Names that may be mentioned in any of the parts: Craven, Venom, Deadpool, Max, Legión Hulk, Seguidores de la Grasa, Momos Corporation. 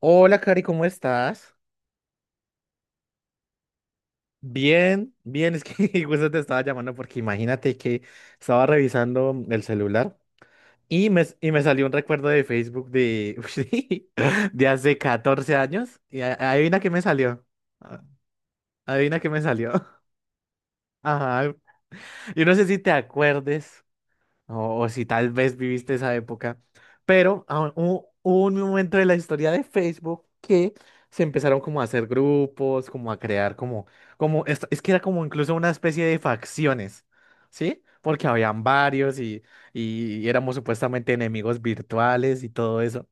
Hola, Cari, ¿cómo estás? Bien, bien, es que justo te estaba llamando porque imagínate que estaba revisando el celular y me salió un recuerdo de Facebook de, de hace 14 años y adivina qué me salió. a- Adivina qué me salió. Ajá. Yo no sé si te acuerdes. O si tal vez viviste esa época. Pero hubo un momento de la historia de Facebook que, se empezaron como a hacer grupos, como a crear como, es que era como incluso una especie de facciones, ¿sí? Porque habían varios y éramos supuestamente enemigos virtuales y todo eso.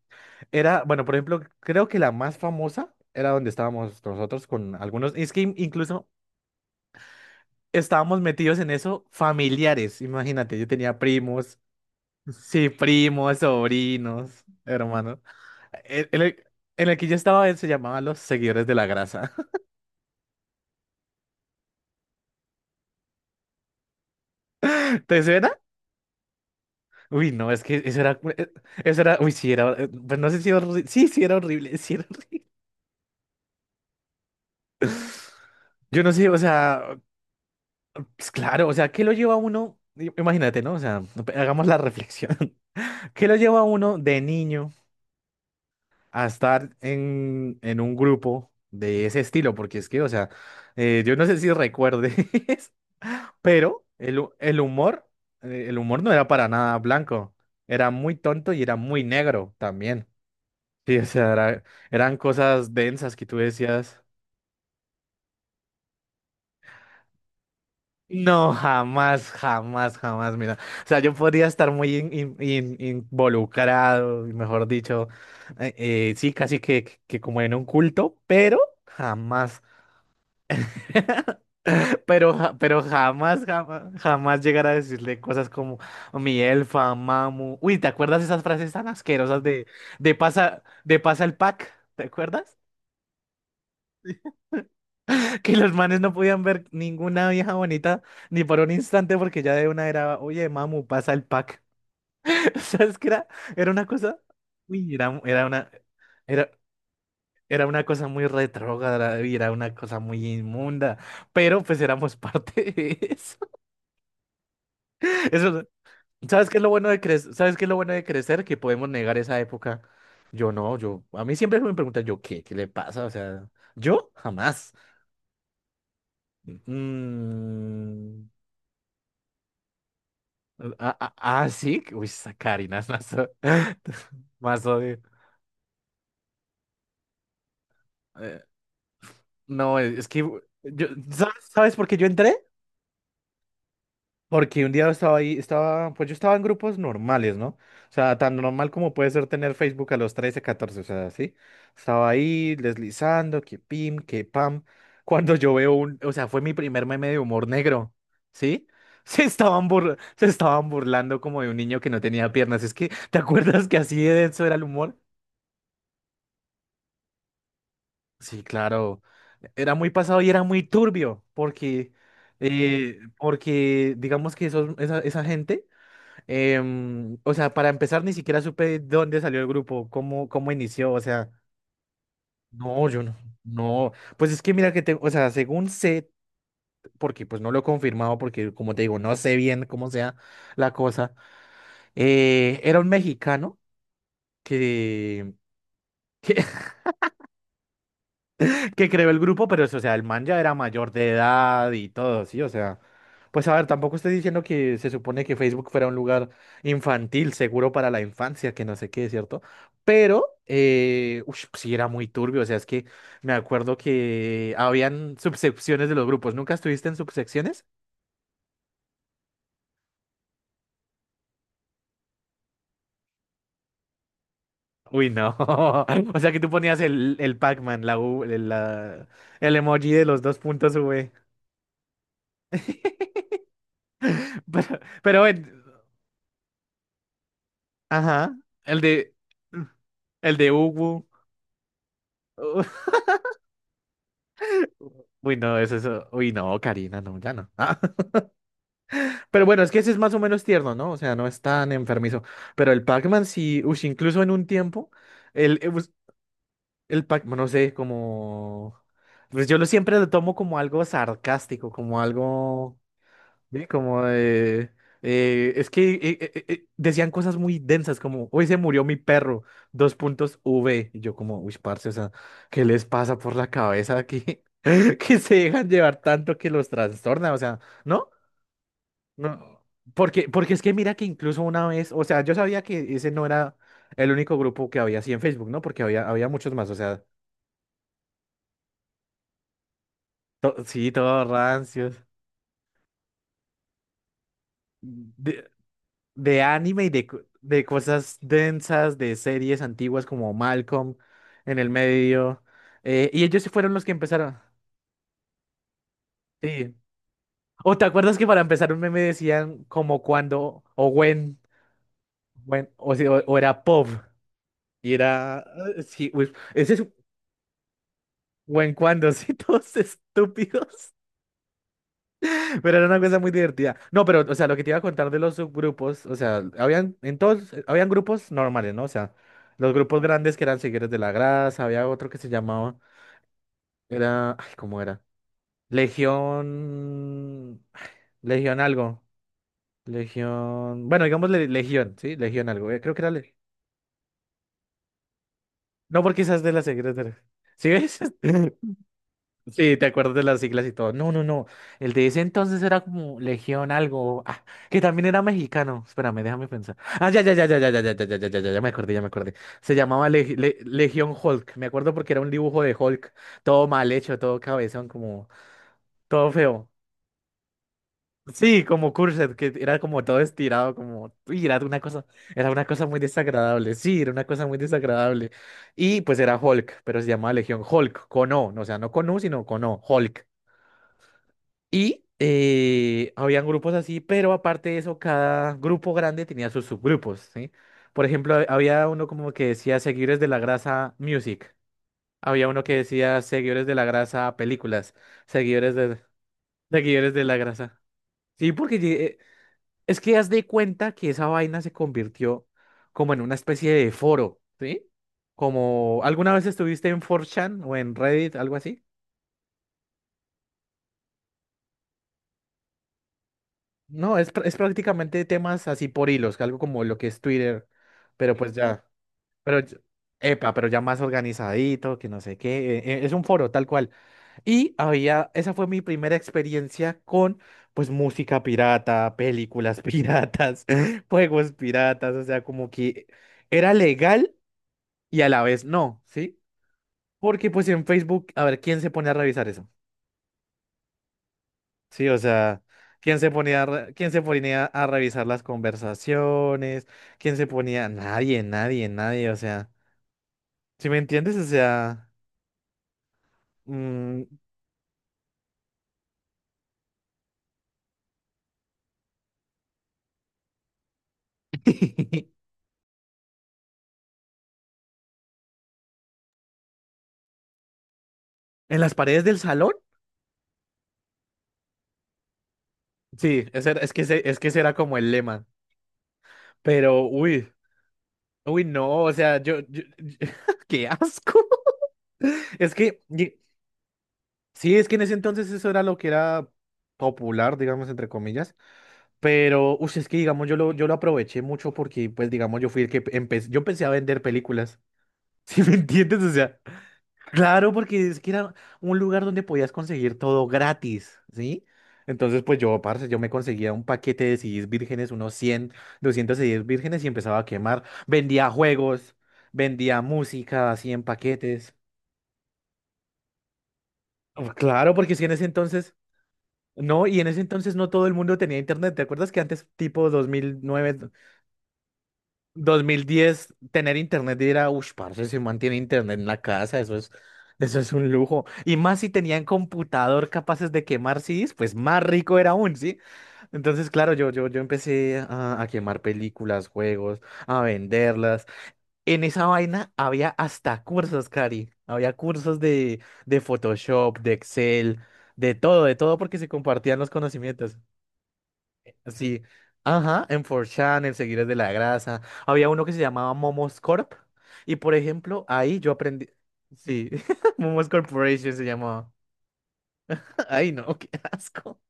Era, bueno, por ejemplo, creo que la más famosa era donde estábamos nosotros con algunos, es que incluso estábamos metidos en eso familiares, imagínate, yo tenía primos. Sí, primos, sobrinos, hermanos. En en el, en el que yo estaba, él se llamaba Los Seguidores de la Grasa. ¿Te suena? Uy, no, es que eso era, uy, sí, era, pues no sé si horrible, sí, sí era horrible, sí era horrible. Yo no sé, o sea, pues claro, o sea, ¿qué lo lleva a uno? Imagínate, ¿no? O sea, hagamos la reflexión. ¿Qué lo lleva a uno de niño a estar en un grupo de ese estilo? Porque es que, o sea, yo no sé si recuerdes, pero el humor no era para nada blanco, era muy tonto y era muy negro también. Sí, o sea, eran cosas densas que tú decías. No, jamás, jamás, jamás, mira. O sea, yo podría estar muy involucrado, mejor dicho, sí, casi que como en un culto, pero jamás. Pero, pero jamás, jamás, jamás llegar a decirle cosas como mi elfa, mamu. Uy, ¿te acuerdas esas frases tan asquerosas de pasa el pack? ¿Te acuerdas? Que los manes no podían ver ninguna vieja bonita ni por un instante porque ya de una era, oye, mamu, pasa el pack. ¿Sabes qué era? Era una cosa, uy, era, era una cosa muy retrógrada y era una cosa muy inmunda, pero pues éramos parte de eso. Eso. ¿Sabes qué es lo bueno de crecer? ¿Sabes qué es lo bueno de crecer? Que podemos negar esa época. Yo no, yo, a mí siempre me preguntan, yo, ¿qué? ¿Qué le pasa? O sea, yo jamás. Mm, sí, uy, esa Karina es más, más odio. Eh, no, es que yo, ¿sabes, sabes por qué yo entré? Porque un día estaba ahí, estaba, pues yo estaba en grupos normales, ¿no? O sea, tan normal como puede ser tener Facebook a los 13 catorce, o sea, sí. Estaba ahí deslizando, que pim, que pam. Cuando yo veo un, o sea, fue mi primer meme de humor negro, ¿sí? Se estaban se estaban burlando como de un niño que no tenía piernas. Es que, ¿te acuerdas que así de denso era el humor? Sí, claro. Era muy pasado y era muy turbio, porque, porque digamos que esos, esa gente. O sea, para empezar, ni siquiera supe dónde salió el grupo, cómo, cómo inició, o sea, no, yo no, no, pues es que mira que te, o sea, según sé, porque pues no lo he confirmado, porque como te digo, no sé bien cómo sea la cosa, era un mexicano que, que que creó el grupo, pero eso, o sea, el man ya era mayor de edad y todo, sí, o sea, pues a ver, tampoco estoy diciendo que se supone que Facebook fuera un lugar infantil, seguro para la infancia, que no sé qué, ¿cierto? Pero, ush, sí era muy turbio, o sea, es que me acuerdo que habían subsecciones de los grupos, ¿nunca estuviste en subsecciones? Uy, no, o sea, que tú ponías el Pac-Man, el emoji de los dos puntos V. Pero bueno, Ajá. El de. El de Ubu. Uy, no, es eso. Uy, no, Karina, no, ya no. Ah, pero bueno, es que ese es más o menos tierno, ¿no? O sea, no es tan enfermizo. Pero el Pac-Man sí, uy, incluso en un tiempo, el, pues, el Pac-Man, no sé, como... Pues yo lo siempre lo tomo como algo sarcástico, como algo... Sí, como de... es que decían cosas muy densas, como, hoy se murió mi perro, dos puntos V. Y yo como, uy, parce, o sea, ¿qué les pasa por la cabeza aquí? Que se dejan llevar tanto que los trastorna, o sea, ¿no? No. Porque, porque es que mira que incluso una vez, o sea, yo sabía que ese no era el único grupo que había así en Facebook, ¿no? Porque había, había muchos más, o sea, sí, todos rancios. De anime y de, de cosas densas, de series antiguas como Malcolm en el medio. Y ellos sí fueron los que empezaron. Sí. ¿O te acuerdas que para empezar un meme decían como cuando o when, when o, o era pop y era sí, uy, ese es when cuando, sí, todos estúpidos. Pero era una cosa muy divertida. No, pero, o sea, lo que te iba a contar de los subgrupos, o sea, habían, en todos, habían grupos normales, ¿no? O sea, los grupos grandes que eran Seguidores de la Grasa, había otro que se llamaba, era, ay, ¿cómo era? Legión, Legión algo, Legión, bueno, digamos Legión, ¿sí? Legión algo, creo que era, no, porque esa es de las Seguidores de la... ¿Sí ves? Sí, te acuerdas de las siglas y todo. No, no, no. El de ese entonces era como Legión algo. Ah, que también era mexicano. Espérame, déjame pensar. Ah, ya, ya, ya, ya, ya, ya, ya, ya, ya, ya, ya, ya, ya me acordé, ya me acordé. Se llamaba Legión Hulk. Me acuerdo porque era un dibujo de Hulk. Todo mal hecho, todo cabezón, como todo feo. Sí, como Cursed, que era como todo estirado, como. Uy, era una cosa muy desagradable. Sí, era una cosa muy desagradable. Y pues era Hulk, pero se llamaba Legión Hulk, con O. No, o sea, no con U, sino con O, Hulk. Y habían grupos así, pero aparte de eso, cada grupo grande tenía sus subgrupos, ¿sí? Por ejemplo, había uno como que decía seguidores de la grasa music, había uno que decía seguidores de la grasa películas, seguidores de, seguidores de la grasa. Sí, porque es que haz de cuenta que esa vaina se convirtió como en una especie de foro, ¿sí? Como, ¿alguna vez estuviste en 4chan o en Reddit, algo así? No, es, es prácticamente temas así por hilos, algo como lo que es Twitter, pero pues ya, pero, epa, pero ya más organizadito, que no sé qué, es un foro tal cual. Y había, esa fue mi primera experiencia con, pues, música pirata, películas piratas, juegos piratas, o sea, como que era legal y a la vez no, ¿sí? Porque pues en Facebook, a ver, ¿quién se pone a revisar eso? Sí, o sea, ¿quién se ponía a, quién se ponía a revisar las conversaciones? ¿Quién se ponía? Nadie, nadie, nadie, o sea, ¿sí me entiendes? O sea, mm, ¿en las paredes del salón? Sí, es que ese era como el lema, pero uy, uy, no, o sea, qué asco. Es que, sí, es que en ese entonces eso era lo que era popular, digamos, entre comillas. Pero, uy, es que digamos, yo lo aproveché mucho porque, pues, digamos, yo fui el que empecé, yo empecé a vender películas, ¿sí me entiendes? O sea, claro, porque es que era un lugar donde podías conseguir todo gratis, ¿sí? Entonces, pues yo, parce, yo me conseguía un paquete de CDs vírgenes, unos 100, 200 CDs vírgenes y empezaba a quemar. Vendía juegos, vendía música, así en paquetes. Oh, claro, porque si en ese entonces, no, y en ese entonces no todo el mundo tenía internet. ¿Te acuerdas que antes, tipo 2009, 2010, tener internet y era, uff, parce, se mantiene internet en la casa, eso es un lujo. Y más si tenían computador capaces de quemar CDs, pues más rico era aún, ¿sí? Entonces, claro, yo empecé a quemar películas, juegos, a venderlas. En esa vaina había hasta cursos, Cari. Había cursos de Photoshop, de Excel, de todo, porque se compartían los conocimientos. Sí, ajá, en 4chan, en Seguidores de la Grasa. Había uno que se llamaba Momos Corp. Y por ejemplo, ahí yo aprendí. Sí, Momos Corporation se llamaba. Ay, no, qué asco.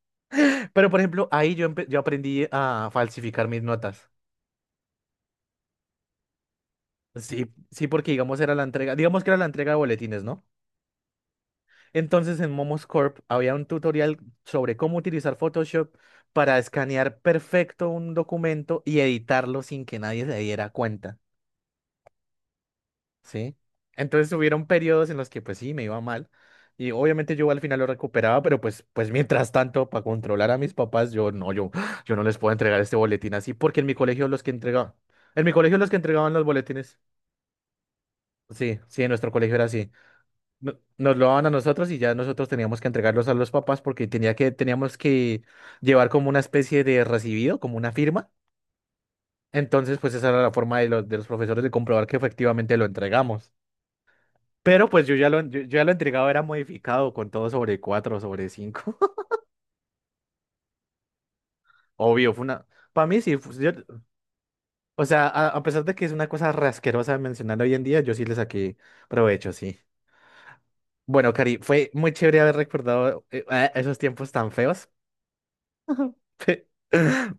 Pero por ejemplo, ahí yo, yo aprendí a falsificar mis notas. Sí, sí, porque digamos era la entrega, digamos que era la entrega de boletines, ¿no? Entonces en Momos Corp había un tutorial sobre cómo utilizar Photoshop para escanear perfecto un documento y editarlo sin que nadie se diera cuenta. Sí. Entonces hubieron periodos en los que pues sí, me iba mal. Y obviamente yo al final lo recuperaba, pero pues, pues mientras tanto, para controlar a mis papás, yo no les puedo entregar este boletín así, porque en mi colegio los que entregaban, en mi colegio los que entregaban los boletines, sí, sí, en nuestro colegio era así. Nos lo daban a nosotros y ya nosotros teníamos que entregarlos a los papás porque tenía que, teníamos que llevar como una especie de recibido, como una firma. Entonces, pues esa era la forma de los profesores de comprobar que efectivamente lo entregamos. Pero pues yo ya lo, yo ya lo entregado era modificado con todo sobre 4 sobre cinco. Obvio, fue una... Para mí sí, pues, o sea, a pesar de que es una cosa rasquerosa mencionar hoy en día, yo sí le saqué provecho, sí. Bueno, Cari, fue muy chévere haber recordado esos tiempos tan feos.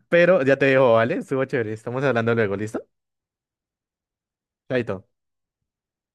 Pero ya te dejo, ¿vale? Estuvo chévere. Estamos hablando luego, ¿listo? Chaito.